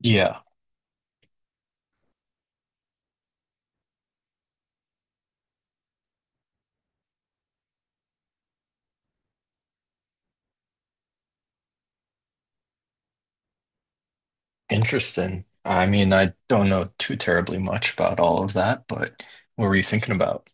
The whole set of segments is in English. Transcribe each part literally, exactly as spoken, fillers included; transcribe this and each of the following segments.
Yeah, interesting. I mean, I don't know too terribly much about all of that, but what were you thinking about?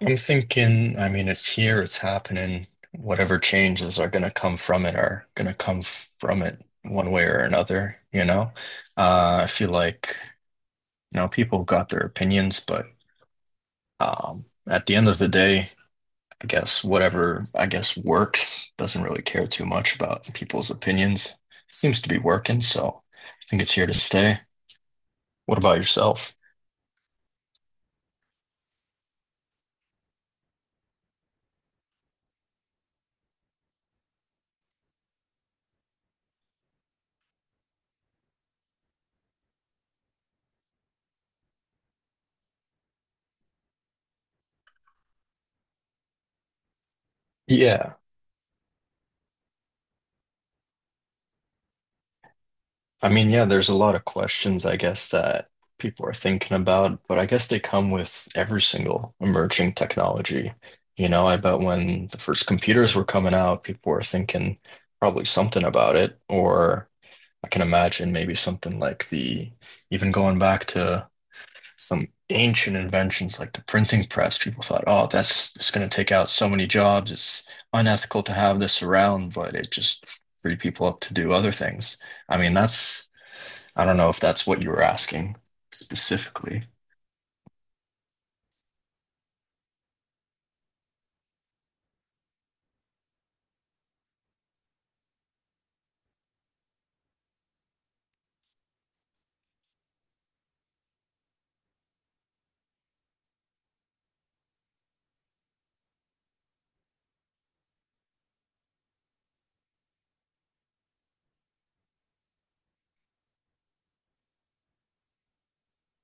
I'm thinking, I mean, it's here, it's happening. Whatever changes are going to come from it are going to come from it one way or another, you know? Uh, I feel like, you know, people got their opinions, but um, at the end of the day, I guess whatever, I guess works doesn't really care too much about people's opinions. Seems to be working, so I think it's here to stay. What about yourself? Yeah. I mean, yeah, there's a lot of questions, I guess, that people are thinking about, but I guess they come with every single emerging technology. You know, I bet when the first computers were coming out, people were thinking probably something about it, or I can imagine maybe something like the, even going back to some ancient inventions like the printing press. People thought, oh, that's it's going to take out so many jobs. It's unethical to have this around, but it just freed people up to do other things. I mean, that's, I don't know if that's what you were asking specifically.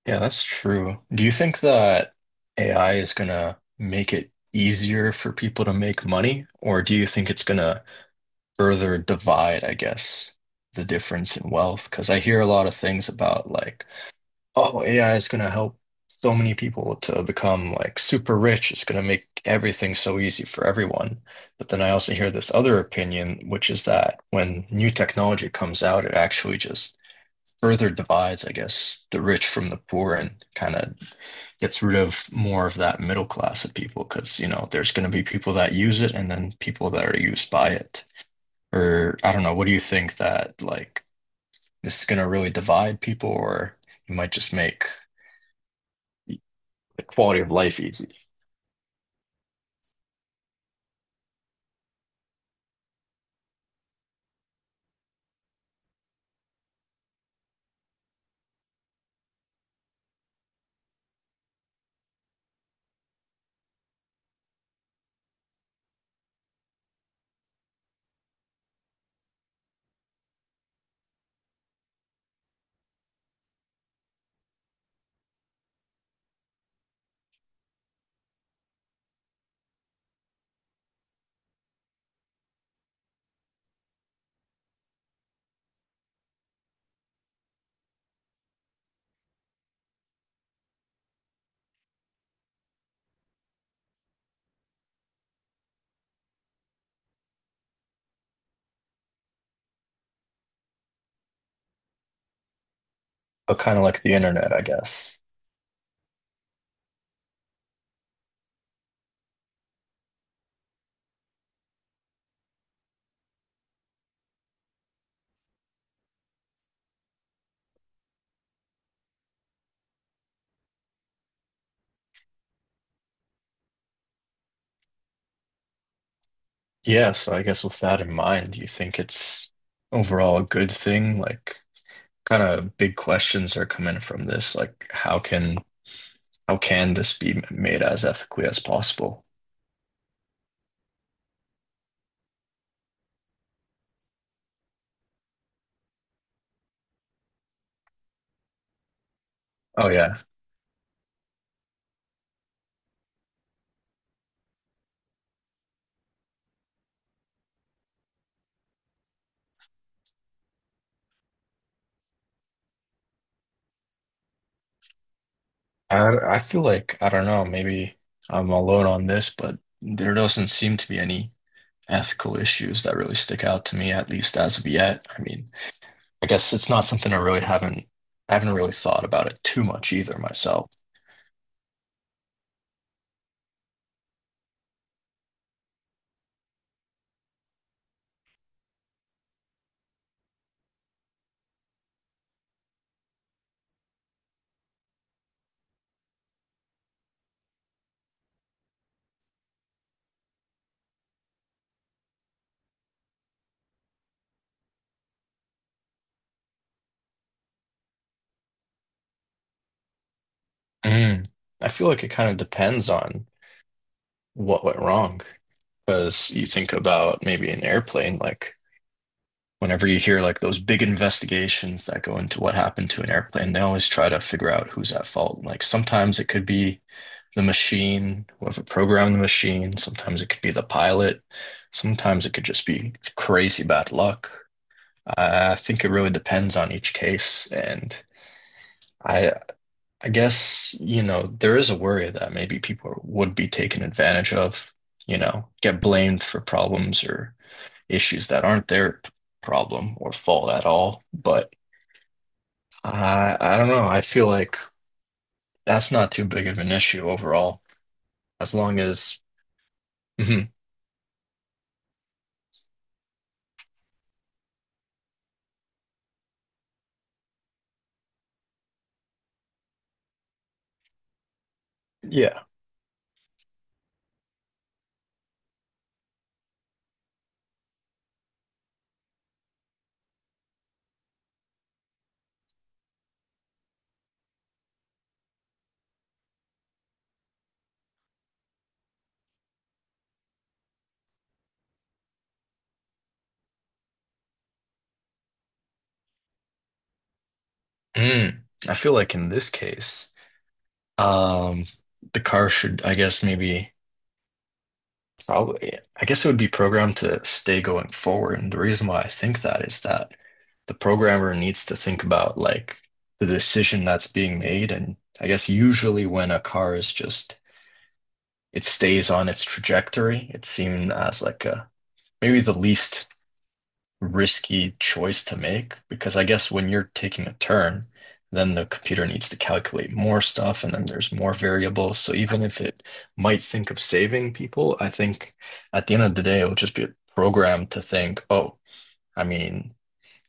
Yeah, that's true. Do you think that A I is going to make it easier for people to make money, or do you think it's going to further divide, I guess, the difference in wealth? Because I hear a lot of things about like, oh, A I is going to help so many people to become like super rich. It's going to make everything so easy for everyone. But then I also hear this other opinion, which is that when new technology comes out, it actually just further divides, I guess, the rich from the poor and kind of gets rid of more of that middle class of people because, you know, there's going to be people that use it and then people that are used by it. Or I don't know, what do you think that like this is going to really divide people or it might just make the quality of life easy. But kind of like the internet, I guess. Yeah, so I guess with that in mind, do you think it's overall a good thing? Like, kind of big questions are coming from this. Like, how can how can this be made as ethically as possible? Oh yeah, I I feel like I don't know. Maybe I'm alone on this, but there doesn't seem to be any ethical issues that really stick out to me, at least as of yet. I mean, I guess it's not something I really haven't I haven't really thought about it too much either myself. Mm. I feel like it kind of depends on what went wrong. Because you think about maybe an airplane, like whenever you hear like those big investigations that go into what happened to an airplane, they always try to figure out who's at fault. Like sometimes it could be the machine, whoever programmed the machine, sometimes it could be the pilot, sometimes it could just be crazy bad luck. I I think it really depends on each case, and I I guess, you know, there is a worry that maybe people would be taken advantage of, you know, get blamed for problems or issues that aren't their problem or fault at all. But I, I don't know. I feel like that's not too big of an issue overall, as long as, Mhm. Yeah. Mm. I feel like in this case, um, the car should, I guess, maybe. Probably. I guess it would be programmed to stay going forward. And the reason why I think that is that the programmer needs to think about like the decision that's being made. And I guess usually when a car is just, it stays on its trajectory, it's seen as like a maybe the least risky choice to make because I guess when you're taking a turn, then the computer needs to calculate more stuff and then there's more variables. So even if it might think of saving people, I think at the end of the day, it'll just be programmed to think, oh, I mean,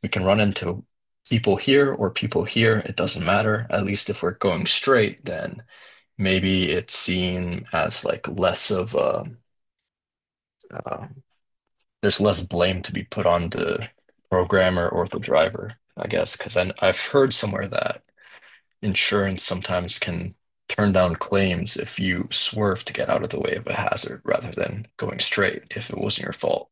we can run into people here or people here. It doesn't matter. At least if we're going straight, then maybe it's seen as like less of a, uh, there's less blame to be put on the programmer or the driver, I guess, because I, I've heard somewhere that insurance sometimes can turn down claims if you swerve to get out of the way of a hazard rather than going straight if it wasn't your fault.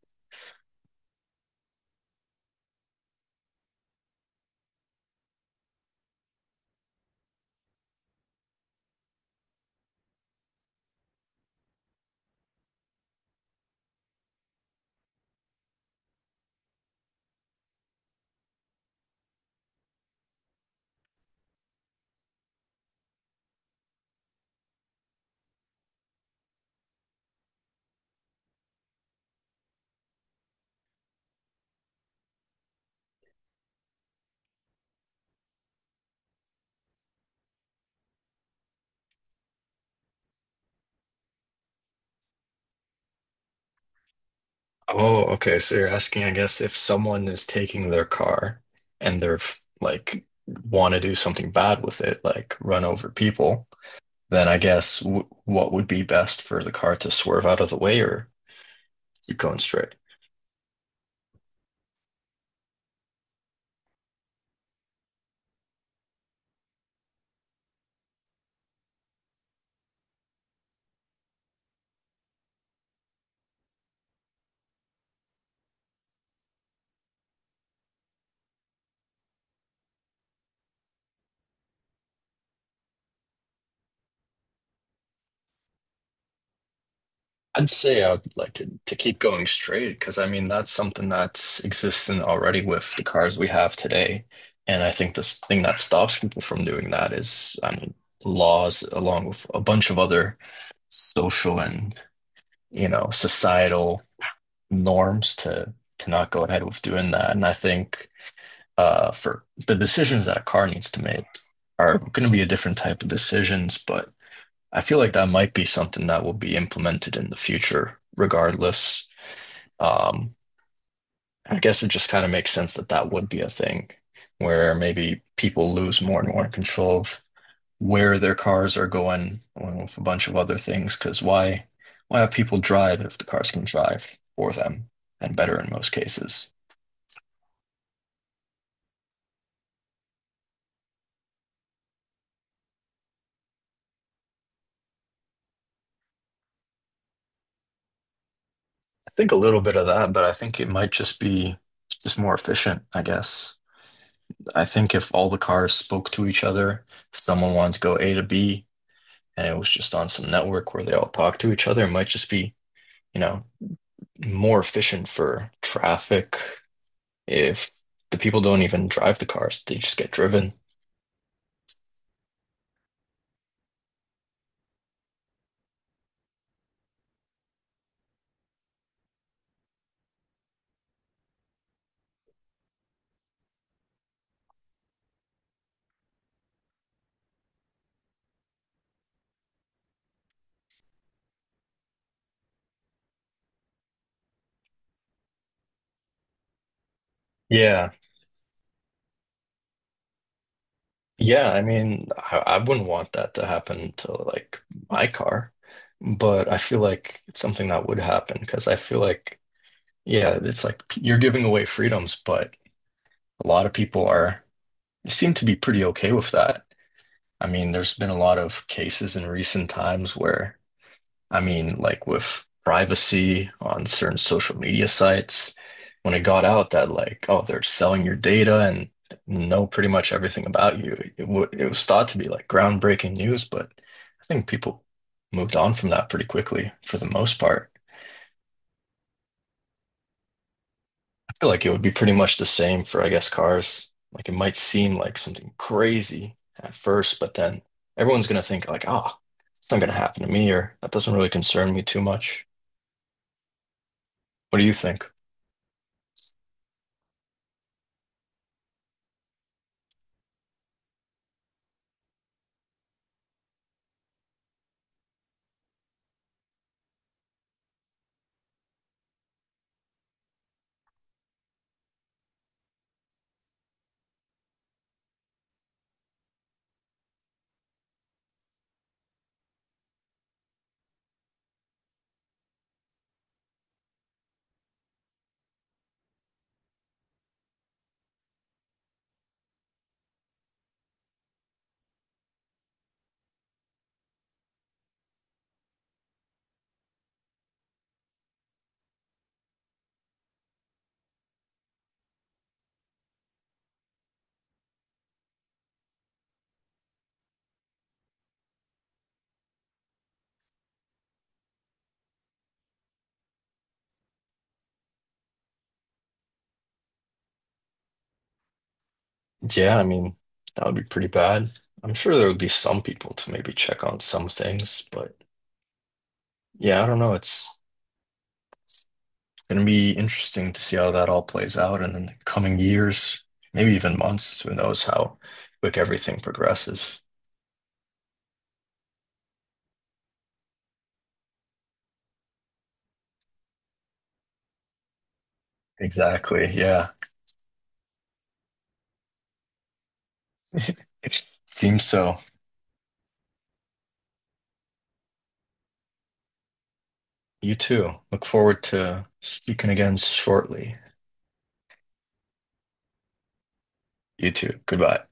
Oh, okay. So you're asking, I guess, if someone is taking their car and they're f- like want to do something bad with it, like run over people, then I guess w what would be best for the car to swerve out of the way or keep going straight? I'd say I would like to, to keep going straight because I mean that's something that's existent already with the cars we have today. And I think this thing that stops people from doing that is, I mean, laws along with a bunch of other social and, you know, societal norms to to not go ahead with doing that. And I think uh for the decisions that a car needs to make are going to be a different type of decisions, but I feel like that might be something that will be implemented in the future, regardless. Um, I guess it just kind of makes sense that that would be a thing where maybe people lose more and more control of where their cars are going, along with a bunch of other things. Because why, why have people drive if the cars can drive for them and better in most cases? I think a little bit of that, but I think it might just be just more efficient, I guess. I think if all the cars spoke to each other, if someone wanted to go A to B and it was just on some network where they all talk to each other. It might just be, you know, more efficient for traffic if the people don't even drive the cars, they just get driven. Yeah. Yeah, I mean, I, I wouldn't want that to happen to like my car, but I feel like it's something that would happen because I feel like, yeah, it's like you're giving away freedoms, but a lot of people are seem to be pretty okay with that. I mean, there's been a lot of cases in recent times where I mean, like with privacy on certain social media sites, when it got out that like, oh, they're selling your data and know pretty much everything about you, it, w it was thought to be like groundbreaking news, but I think people moved on from that pretty quickly for the most part. I feel like it would be pretty much the same for, I guess, cars. Like it might seem like something crazy at first, but then everyone's gonna think like, ah, it's not gonna happen to me, or that doesn't really concern me too much. What do you think? Yeah, I mean, that would be pretty bad. I'm sure there would be some people to maybe check on some things, but yeah, I don't know. It's going to be interesting to see how that all plays out in the coming years, maybe even months. Who knows how quick everything progresses. Exactly. Yeah. Seems so. You too. Look forward to speaking again shortly. You too. Goodbye.